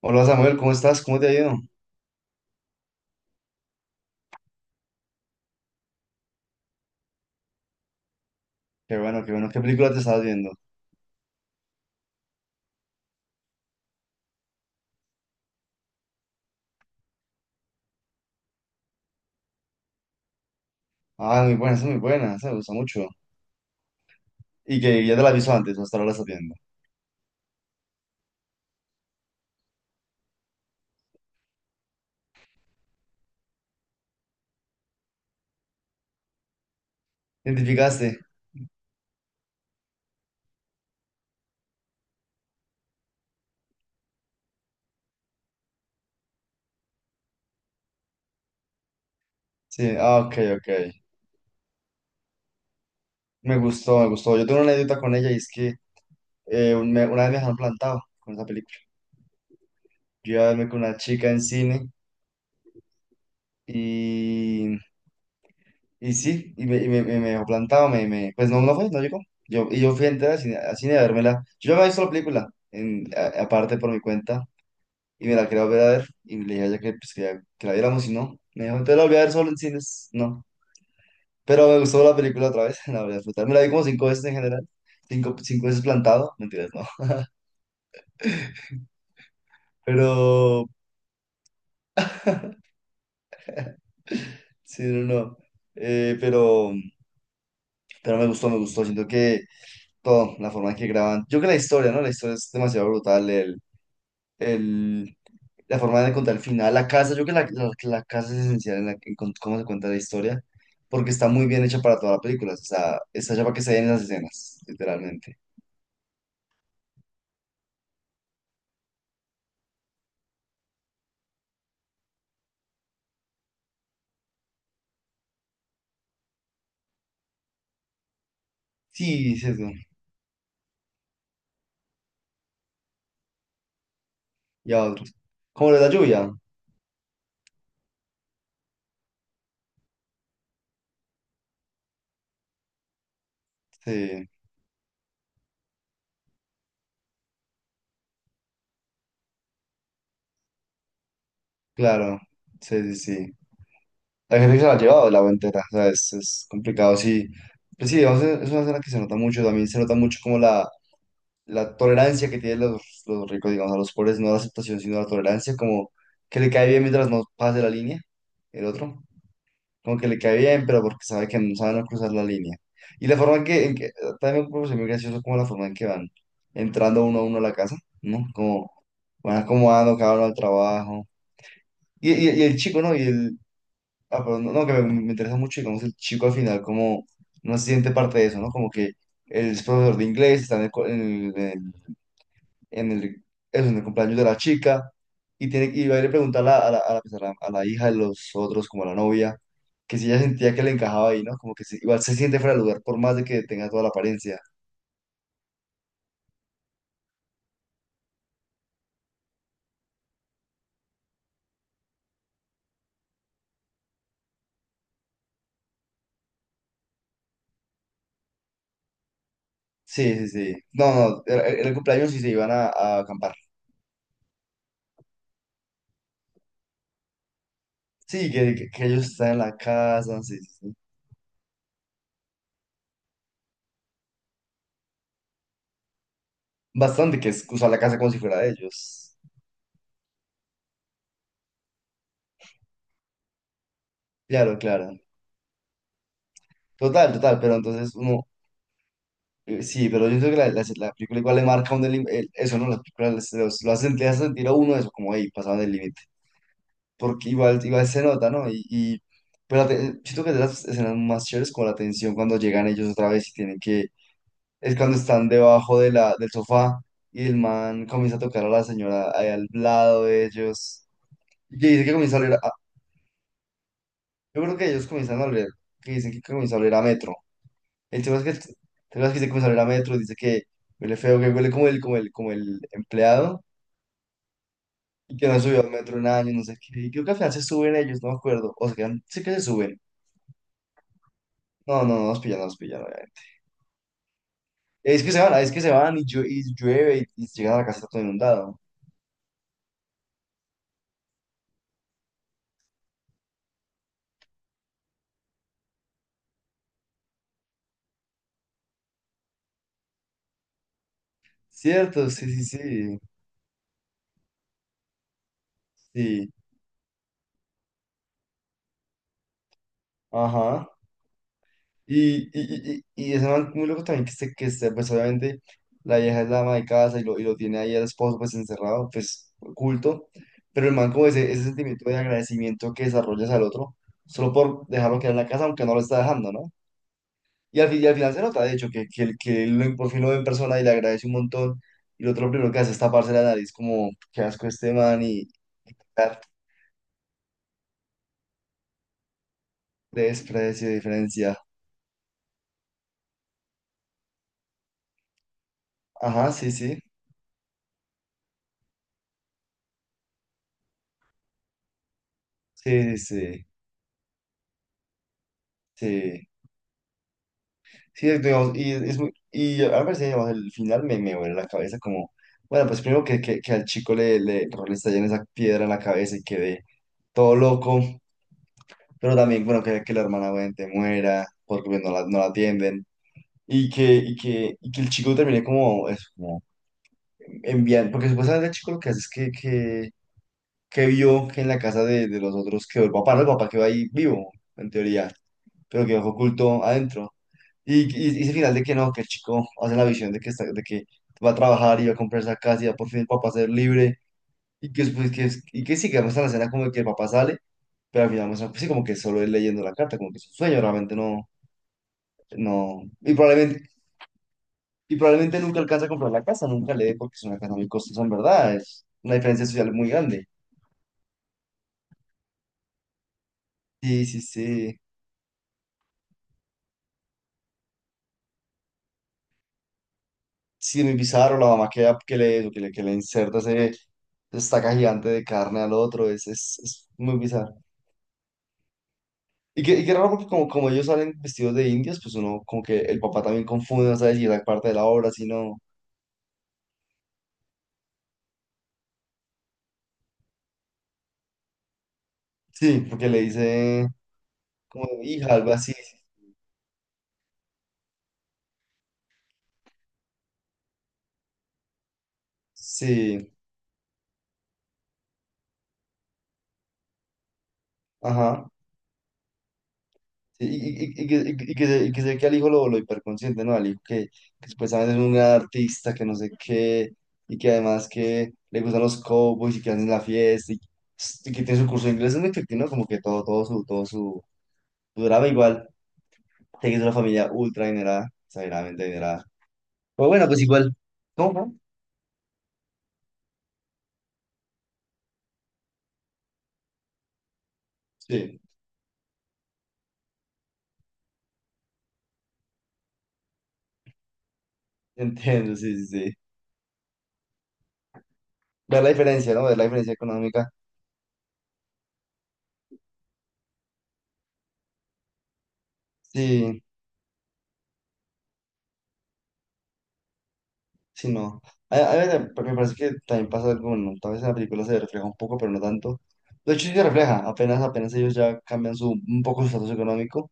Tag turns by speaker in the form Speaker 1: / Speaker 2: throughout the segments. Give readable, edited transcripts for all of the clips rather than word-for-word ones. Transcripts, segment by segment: Speaker 1: Hola Samuel, ¿cómo estás? ¿Cómo te ha ido? Qué bueno, qué bueno. ¿Qué película te estás viendo? Ah, muy buena, esa es muy buena, esa me gusta mucho. Y que ya te la aviso antes, hasta ahora la estás viendo. ¿Identificaste? Sí, ah, ok, ok. Me gustó, me gustó. Yo tengo una anécdota con ella y es que una vez me dejaron plantado con esa película. Yo iba a verme con una chica en cine y, y sí, me dejó plantado, pues no, no fue, no llegó. Yo, y yo fui a entrar al cine a vérmela. Yo ya me he visto la película, en, aparte por mi cuenta y me la quería volver a ver y le dije a ella que, pues, que la viéramos y no. Me dijo, entonces la volví a ver solo en cines. No. Pero me gustó la película otra vez, la volví a disfrutar. Me la vi como cinco veces en general. Cinco, cinco veces plantado. Mentiras, no. Pero, sí, no, no. Eh, pero, pero me gustó, me gustó. Siento que todo, la forma en que graban. Yo creo que la historia, ¿no? La historia es demasiado brutal. El, la forma de contar el final, la casa, yo creo que la casa es esencial en, la, cómo se cuenta la historia, porque está muy bien hecha para toda la película, o sea, está hecha para que se den las escenas, literalmente. Sí, sesgo, y a otros. Como lo de la lluvia, sí, claro, sí, sí, sí. La gente que se la ha llevado la entera, o sea, es complicado, sí. Pues sí, digamos, es una escena que se nota mucho, también se nota mucho como la tolerancia que tienen los ricos, digamos, a los pobres, no la aceptación, sino la tolerancia, como que le cae bien mientras no pase la línea, el otro. Como que le cae bien, pero porque sabe que no sabe no cruzar la línea. Y la forma también me parece muy gracioso como la forma en que van entrando uno a uno a la casa, ¿no? Como van acomodando cada uno al trabajo. Y el chico, ¿no? Ah, perdón, no, no, que me interesa mucho, digamos, el chico al final como no se siente parte de eso, ¿no? Como que él es profesor de inglés, está en el, en el en el, eso, en el cumpleaños de la chica y, tiene, y va a ir a preguntar a la, a la, a la, pues, a la hija de los otros, como a la novia, que si ella sentía que le encajaba ahí, ¿no? Como que igual se siente fuera de lugar por más de que tenga toda la apariencia. Sí, sí, sí. No, no, en el cumpleaños sí se iban a acampar. Sí, que ellos están en la casa, sí, sí, sí. Bastante que es usar la casa como si fuera de ellos. Claro, claro. Total, total, pero entonces uno, Sí, pero yo creo que la película igual le marca a uno el eso, ¿no? Las películas lo hacen, le hacen sentir a uno eso, como ahí, pasaban el límite. Porque igual, igual se nota, ¿no? Pero siento que es de las escenas más chéveres como la tensión cuando llegan ellos otra vez y tienen que, es cuando están debajo de la, del sofá y el man comienza a tocar a la señora ahí al lado de ellos. Y que dice que comienza a oler a, yo creo que ellos comienzan a oler, que dicen que comienza a oler a metro. El tema es que, el tema es que se que a Metro, dice que huele feo, que huele como el, como el, como el empleado y que no subió a Metro un año, no sé qué. Y creo que al final se suben ellos, no me acuerdo. O se quedan, sé que se suben. No, no, no los pillan, no los pillan. Obviamente. Es que se van, es que se van y, y llueve y llegan a la casa todo inundado. Cierto, sí, sí, sí. Sí, ajá. Y ese man muy loco también que este, pues obviamente la vieja es la ama de casa y lo tiene ahí al esposo pues encerrado, pues oculto, pero el man como ese sentimiento de agradecimiento que desarrollas al otro, solo por dejarlo quedar en la casa aunque no lo está dejando, ¿no? Y y al final se nota, de hecho, que, por fin lo ve en persona y le agradece un montón, y el otro lo primero que hace es taparse la nariz como, qué asco este man y dar desprecio, diferencia. Ajá, sí, sí, sí, sí, sí. Digamos, y, es muy, y a veces, digamos, el final me, me huele la cabeza como, bueno, pues primero que al chico le, le, le estallen esa piedra en la cabeza y quede todo loco, pero también, bueno, que la hermana obviamente muera porque pues, no la, no la atienden y que, y que, y que el chico termine como, eso, como enviando, porque supuestamente el chico lo que hace es que vio que en la casa de los otros quedó el papá, no el papá quedó ahí vivo, en teoría, pero quedó oculto adentro. Y ese final de que no, que el chico hace la visión de que, está, de que va a trabajar y va a comprar esa casa y va por fin el papá a ser libre. Y que después, que, y que sí, que muestra la escena como de que el papá sale, pero al final muestra, pues sí, como que solo él leyendo la carta, como que es un sueño, realmente no, no. Y probablemente nunca alcanza a comprar la casa, nunca le dé porque es una casa muy costosa, en verdad, es una diferencia social muy grande. Sí, sí, sí. Sí, muy bizarro, la mamá que le, que le, que le inserta ese estaca gigante de carne al otro, es muy bizarro. Y qué raro porque como, como ellos salen vestidos de indios, pues uno como que el papá también confunde, no sabe si era parte de la obra, si no. Sí, porque le dice como hija, algo así. Sí, ajá. Sí, y que, y que se ve que al hijo lo hiperconsciente, ¿no? Al hijo que supuestamente es un gran artista, que no sé qué, y que además que le gustan los cowboys y que hacen la fiesta, y que tiene su curso de inglés, es muy efectivo, ¿no? Como que todo, todo su, su drama igual, te que es una familia ultra adinerada, exageradamente adinerada. Pero bueno, pues igual. ¿Cómo? ¿Fue? Sí, entiendo, sí, sí, sí. Ver la diferencia, ¿no? Ver la diferencia económica. Sí. Sí, no. A ver, me parece que también pasa algo, bueno, tal vez en la película se refleja un poco, pero no tanto. De hecho, sí se refleja, apenas, apenas ellos ya cambian su, un poco su estatus económico,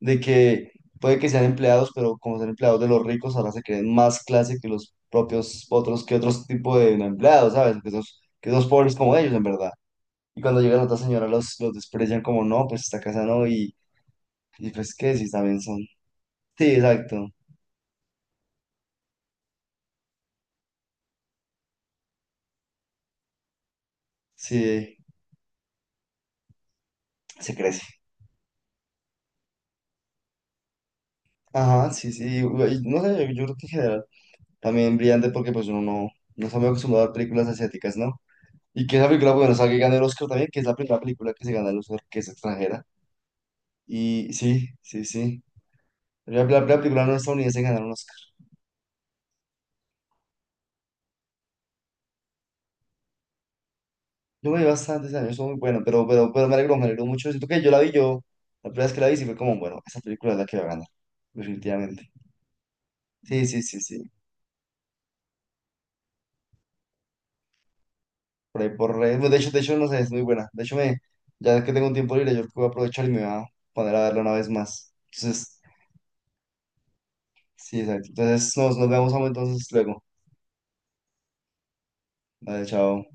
Speaker 1: de que puede que sean empleados, pero como son empleados de los ricos, ahora se creen más clase que los propios otros, que otros tipo de empleados, ¿sabes? Que esos pobres como ellos, en verdad. Y cuando llegan otras señoras, los desprecian como, no, pues esta casa no, y pues qué, si también son. Sí, exacto. Sí, se crece. Ajá, sí, sí. Y no sé, yo creo que en general. También brillante porque pues uno no, no está muy acostumbrado a ver películas asiáticas, ¿no? Y que esa película, bueno, salga y gane el Oscar también, que es la primera película que se gana el Oscar, que es extranjera. Y sí, sí, sí. La película no estadounidense en ganar un Oscar. Yo me vi bastantes años, estuvo muy bueno pero, pero me alegró mucho. Siento que yo la vi yo, la primera vez que la vi, sí fue como, bueno, esa película es la que va a ganar, definitivamente. Sí, sí, sí, sí. Por ahí, por ahí. Bueno, de hecho, de hecho, no sé, es muy buena. De hecho, me, ya que tengo un tiempo libre, yo creo que voy a aprovechar y me voy a poner a verla una vez más. Entonces, sí, exacto. Entonces nos, nos vemos, amo, entonces luego. Vale, chao.